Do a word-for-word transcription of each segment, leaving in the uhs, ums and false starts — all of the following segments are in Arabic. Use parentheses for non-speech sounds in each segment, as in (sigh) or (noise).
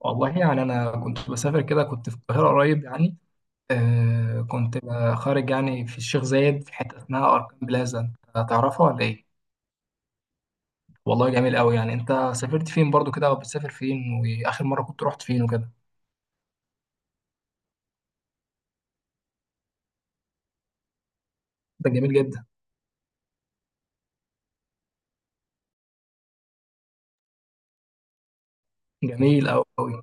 والله يعني أنا كنت بسافر كده، كنت في القاهرة قريب يعني. آه كنت خارج يعني في الشيخ زايد في حتة اسمها أركان بلازا. أنت تعرفها ولا إيه؟ والله جميل أوي. يعني أنت سافرت فين برضو كده، أو بتسافر فين وآخر مرة كنت رحت فين وكده؟ ده جميل جدا. جميل أوي أوي.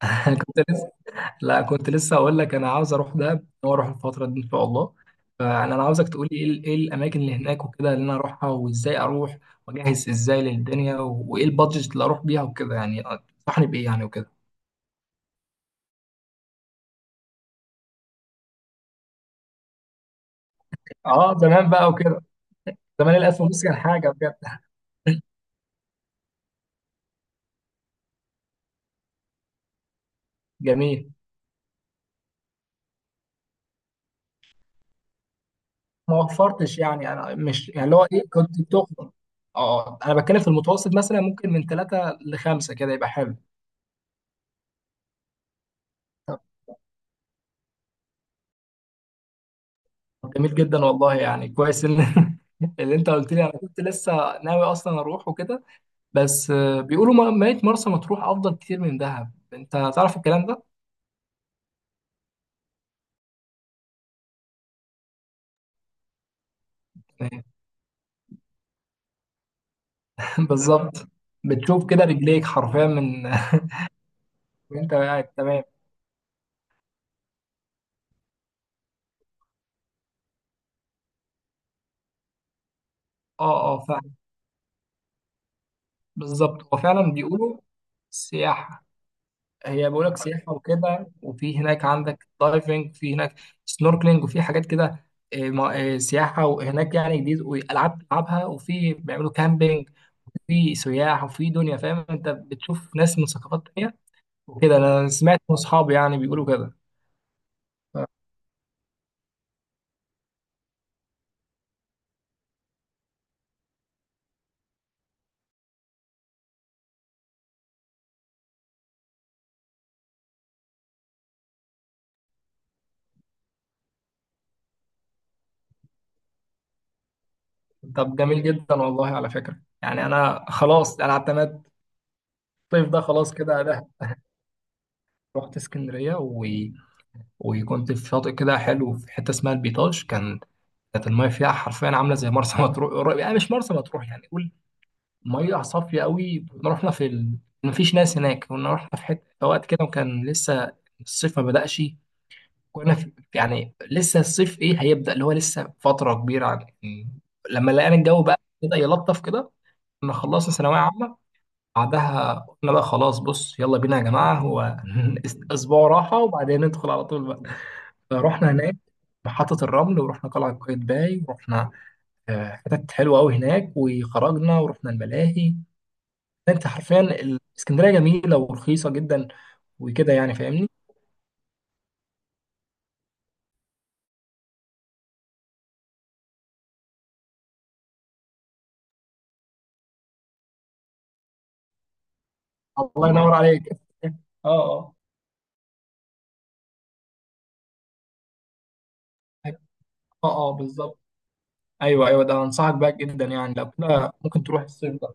(laughs) كنت لسه. لا كنت لسه أقول لك أنا عاوز أروح دهب وأروح الفترة دي إن شاء الله. فأنا أنا عاوزك تقولي إيه ال- إيه الأماكن اللي هناك وكده اللي أنا أروحها وإزاي أروح وأجهز إزاي للدنيا وإيه البادجت اللي أروح بيها وكده يعني. تنصحني بإيه يعني وكده؟ اه زمان بقى وكده. زمان الألف ونص كان حاجة بجد. جميل. ما وفرتش يعني، أنا مش يعني اللي هو إيه كنت بتخرج. اه أنا بتكلم في المتوسط مثلا ممكن من ثلاثة لخمسة كده يبقى حلو. طب جميل جدا والله، يعني كويس ان (laughs) اللي انت قلت لي، انا كنت لسه ناوي اصلا اروح وكده. بس آه، بيقولوا ما- ميت مرسى مطروح افضل كتير من دهب، انت تعرف الكلام ده؟ (laughs) بالظبط. بتشوف كده رجليك حرفيا من (laughs) وانت قاعد تمام. اه اه بالظبط، هو فعلا بيقولوا سياحة. هي بيقولك سياحة وكده، وفي هناك عندك دايفنج، في هناك سنوركلينج وفي حاجات كده. آه، ما- آه، سياحة، وهناك يعني جديد وألعاب تلعبها، وفي بيعملوا كامبينج وفي سياح وفي دنيا، فاهم؟ أنت بتشوف ناس من ثقافات تانية وكده. أنا سمعت من أصحابي يعني بيقولوا كده. طب جميل جدا والله، على فكرة يعني أنا خلاص أنا اعتمدت الصيف ده خلاص كده ده. رحت اسكندرية و... وكنت في شاطئ كده حلو في حتة اسمها البيطاش كان. كانت الميه فيها حرفيا عامله زي مرسى (laughs) مطروح. قريب- يعني مش مرسى مطروح يعني قول، ميه صافيه قوي. كنا رحنا في ال... مفيش ناس هناك، كنا رحنا في حته في وقت كده وكان لسه الصيف ما بدأش. كنا في... يعني لسه الصيف ايه هيبدأ، اللي هو لسه فتره كبيره يعني. لما لقينا الجو بقى بدأ يلطف كده، كنا خلصنا ثانويه عامه. بعدها قلنا بقى خلاص بص يلا بينا يا جماعه، هو (laughs) اسبوع راحه وبعدين ندخل على طول بقى. فرحنا هناك محطة الرمل، ورحنا قلعة قايتباي، ورحنا آه، حتت حلوه قوي هناك، وخرجنا ورحنا الملاهي. انت حرفيا الاسكندريه جميله ورخيصه جدا وكده يعني، فاهمني؟ الله ينور عليك. (laughs) اه اه. اه اه بالظبط. ايوه ايوه، ده انصحك بقى جدا يعني، لو كده ممكن تروح الصيف ده.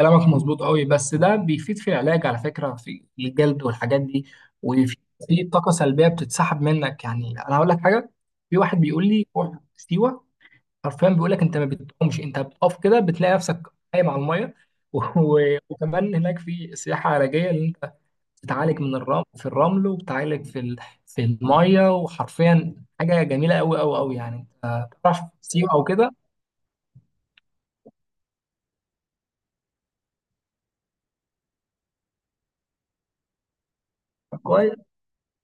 كلامك مظبوط قوي، بس ده بيفيد في العلاج على فكره، في الجلد والحاجات دي. وفي في طاقه سلبيه بتتسحب منك. يعني انا هقول لك حاجه، في واحد بيقول لي روح سيوه. حرفيا بيقول لك انت ما بتقومش، انت بتقف كده بتلاقي نفسك قايم على الميه. (laughs) و- وكمان هناك في سياحه علاجيه، اللي انت بتعالج من الرمل في الرمل، وبتعالج في ال... في الميه. وحرفيا حاجه جميله قوي قوي قوي يعني. انت بتعرف سيوه او كده؟ كويس.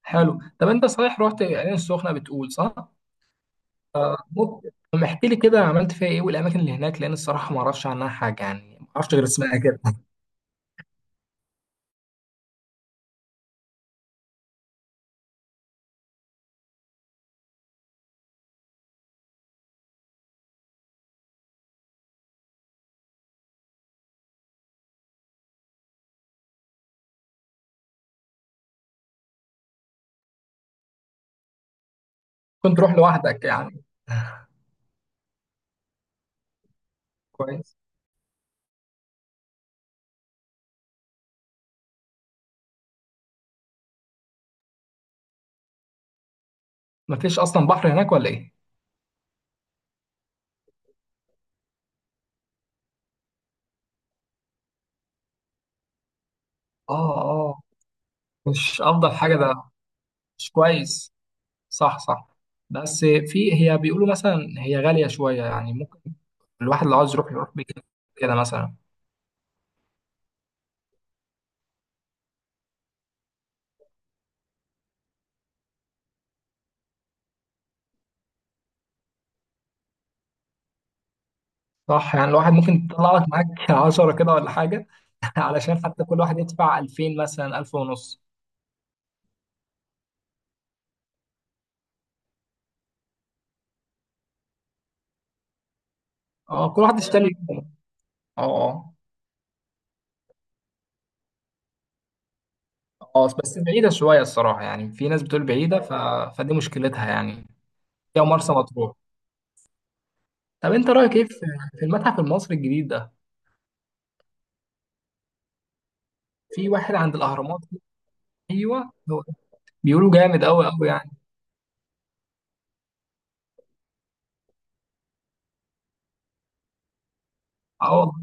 حلو. طب انت صحيح رحت العين السخنه بتقول صح؟ ممكن طب احكي لي كده، عملت فيها ايه والاماكن اللي هناك؟ لان الصراحه ما اعرفش عنها حاجه يعني، ما اعرفش غير اسمها كده. (laughs) كنت تروح لوحدك يعني؟ كويس. ما فيش اصلا بحر هناك ولا ايه؟ اه، مش افضل حاجه ده. مش كويس. صح صح. بس في، هي بيقولوا مثلا هي غاليه شويه يعني، ممكن الواحد لو عاوز يروح يروح بكده كده مثلا. صح. يعني الواحد ممكن تطلع لك معاك (laughs) عشرة كده ولا حاجه، (laughs) علشان حتى كل واحد يدفع ألفين مثلا، ألف ونص. اه كل واحد يشتري. اه اه اه. بس بعيده شويه الصراحه، يعني في ناس بتقول بعيده ف... فدي مشكلتها يعني. هي مرسى مطروح. طب انت رايك ايه في في المتحف المصري الجديد ده؟ في واحد عند الاهرامات كده، ايوه. بيقولوا جامد قوي قوي يعني. اه والله.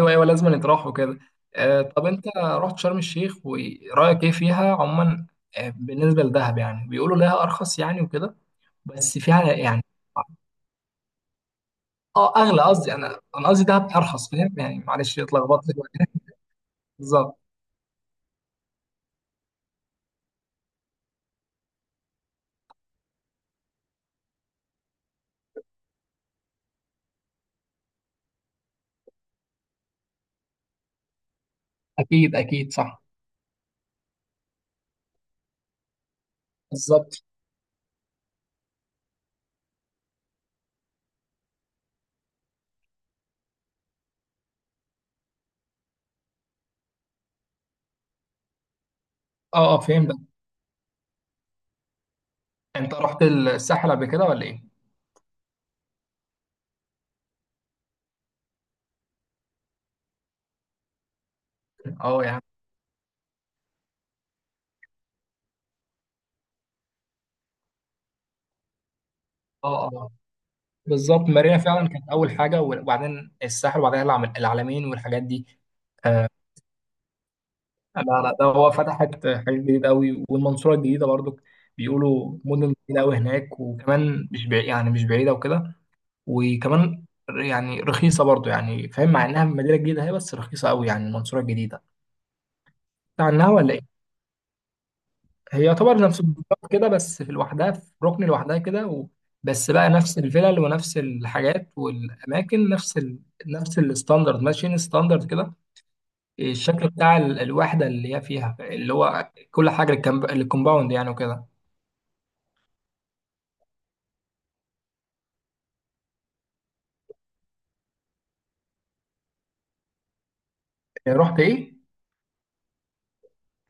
ايوه ايوه لازم يطرحوا كده. آه طب انت رحت شرم الشيخ ورايك ايه فيها عموما؟ آه بالنسبه لدهب يعني بيقولوا لها ارخص يعني وكده، بس فيها يعني. اه اغلى، قصدي انا انا قصدي دهب ارخص، فاهم يعني؟ معلش اتلخبطت. بالظبط. اكيد اكيد صح. بالظبط. اه اه فهمت. انت رحت الساحل قبل كده ولا ايه؟ اه يعني. اه اه بالظبط، مارينا فعلا كانت اول حاجه، وبعدين الساحل وبعدين العم- العلمين والحاجات دي. آه، لا لا، ده هو فتحت حاجات جديدة قوي، والمنصورة الجديدة برضو بيقولوا مدن جديدة قوي هناك. وكمان مش بعيد يعني، مش بعيدة وكده. وكمان يعني رخيصة برضو يعني، فاهم؟ مع انها مدينة جديدة هي، بس رخيصة قوي يعني المنصورة الجديدة. بتاع عنها ولا ايه؟ هي يعتبر نفس البلد كده، بس في لوحدها في ركن لوحدها كده و... بس بقى نفس الفلل ونفس الحاجات والاماكن، نفس ال... نفس الستاندرد، ماشيين ستاندرد كده. الشكل بتاع ال- الوحدة اللي هي فيها، اللي هو كل حاجة الكمب... الكومباوند يعني وكده. رحت ايه؟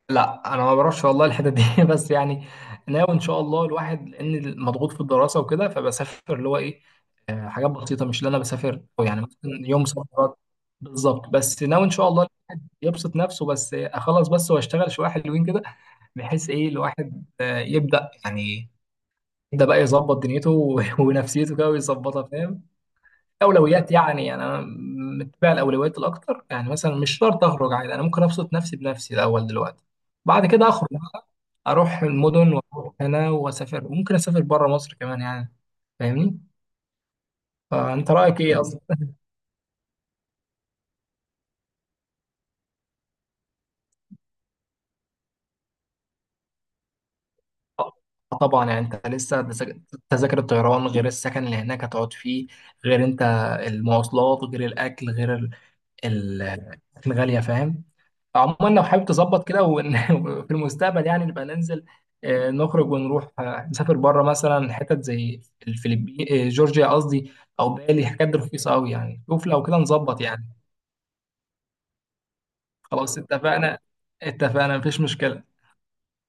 لا انا ما بعرفش والله الحته دي (laughs) بس يعني ناوي ان شاء الله الواحد، لان مضغوط في الدراسه وكده، فبسافر اللي هو ايه حاجات بسيطه، مش اللي انا بسافر أو يعني مثلا يوم سفرات. بالظبط. بس ناوي ان شاء الله يبسط نفسه، بس اخلص بس واشتغل شويه حلوين كده، بحيث ايه الواحد آه، يبدا يعني، يبدا بقى يظبط دنيته (laughs) ونفسيته كده ويظبطها، فاهم؟ اولويات يعني. انا متبع الاولويات الاكتر يعني، مثلا مش شرط اخرج عادي، انا ممكن ابسط نفسي بنفسي الاول دلوقتي. بعد كده اخرج بقى، اروح المدن واروح هنا واسافر، وممكن اسافر بره مصر كمان يعني، فاهمني؟ فانت رايك ايه اصلا؟ آه طبعا يعني، انت لسه تذاك- تذاكر الطيران، غير السكن اللي هناك هتقعد فيه، غير انت المواصلات، غير الاكل، غير ال- ال- الغاليه، فاهم؟ عموما لو حابب تظبط كده وإن- وفي (laughs) المستقبل يعني نبقى ننزل آه، نخرج ونروح، آه، نسافر بره مثلا حتت زي الفلبين، آه، جورجيا قصدي او بالي، حاجات دي رخيصه قوي يعني، شوف لو كده نظبط يعني. خلاص اتفقنا. اتفقنا مفيش مشكله.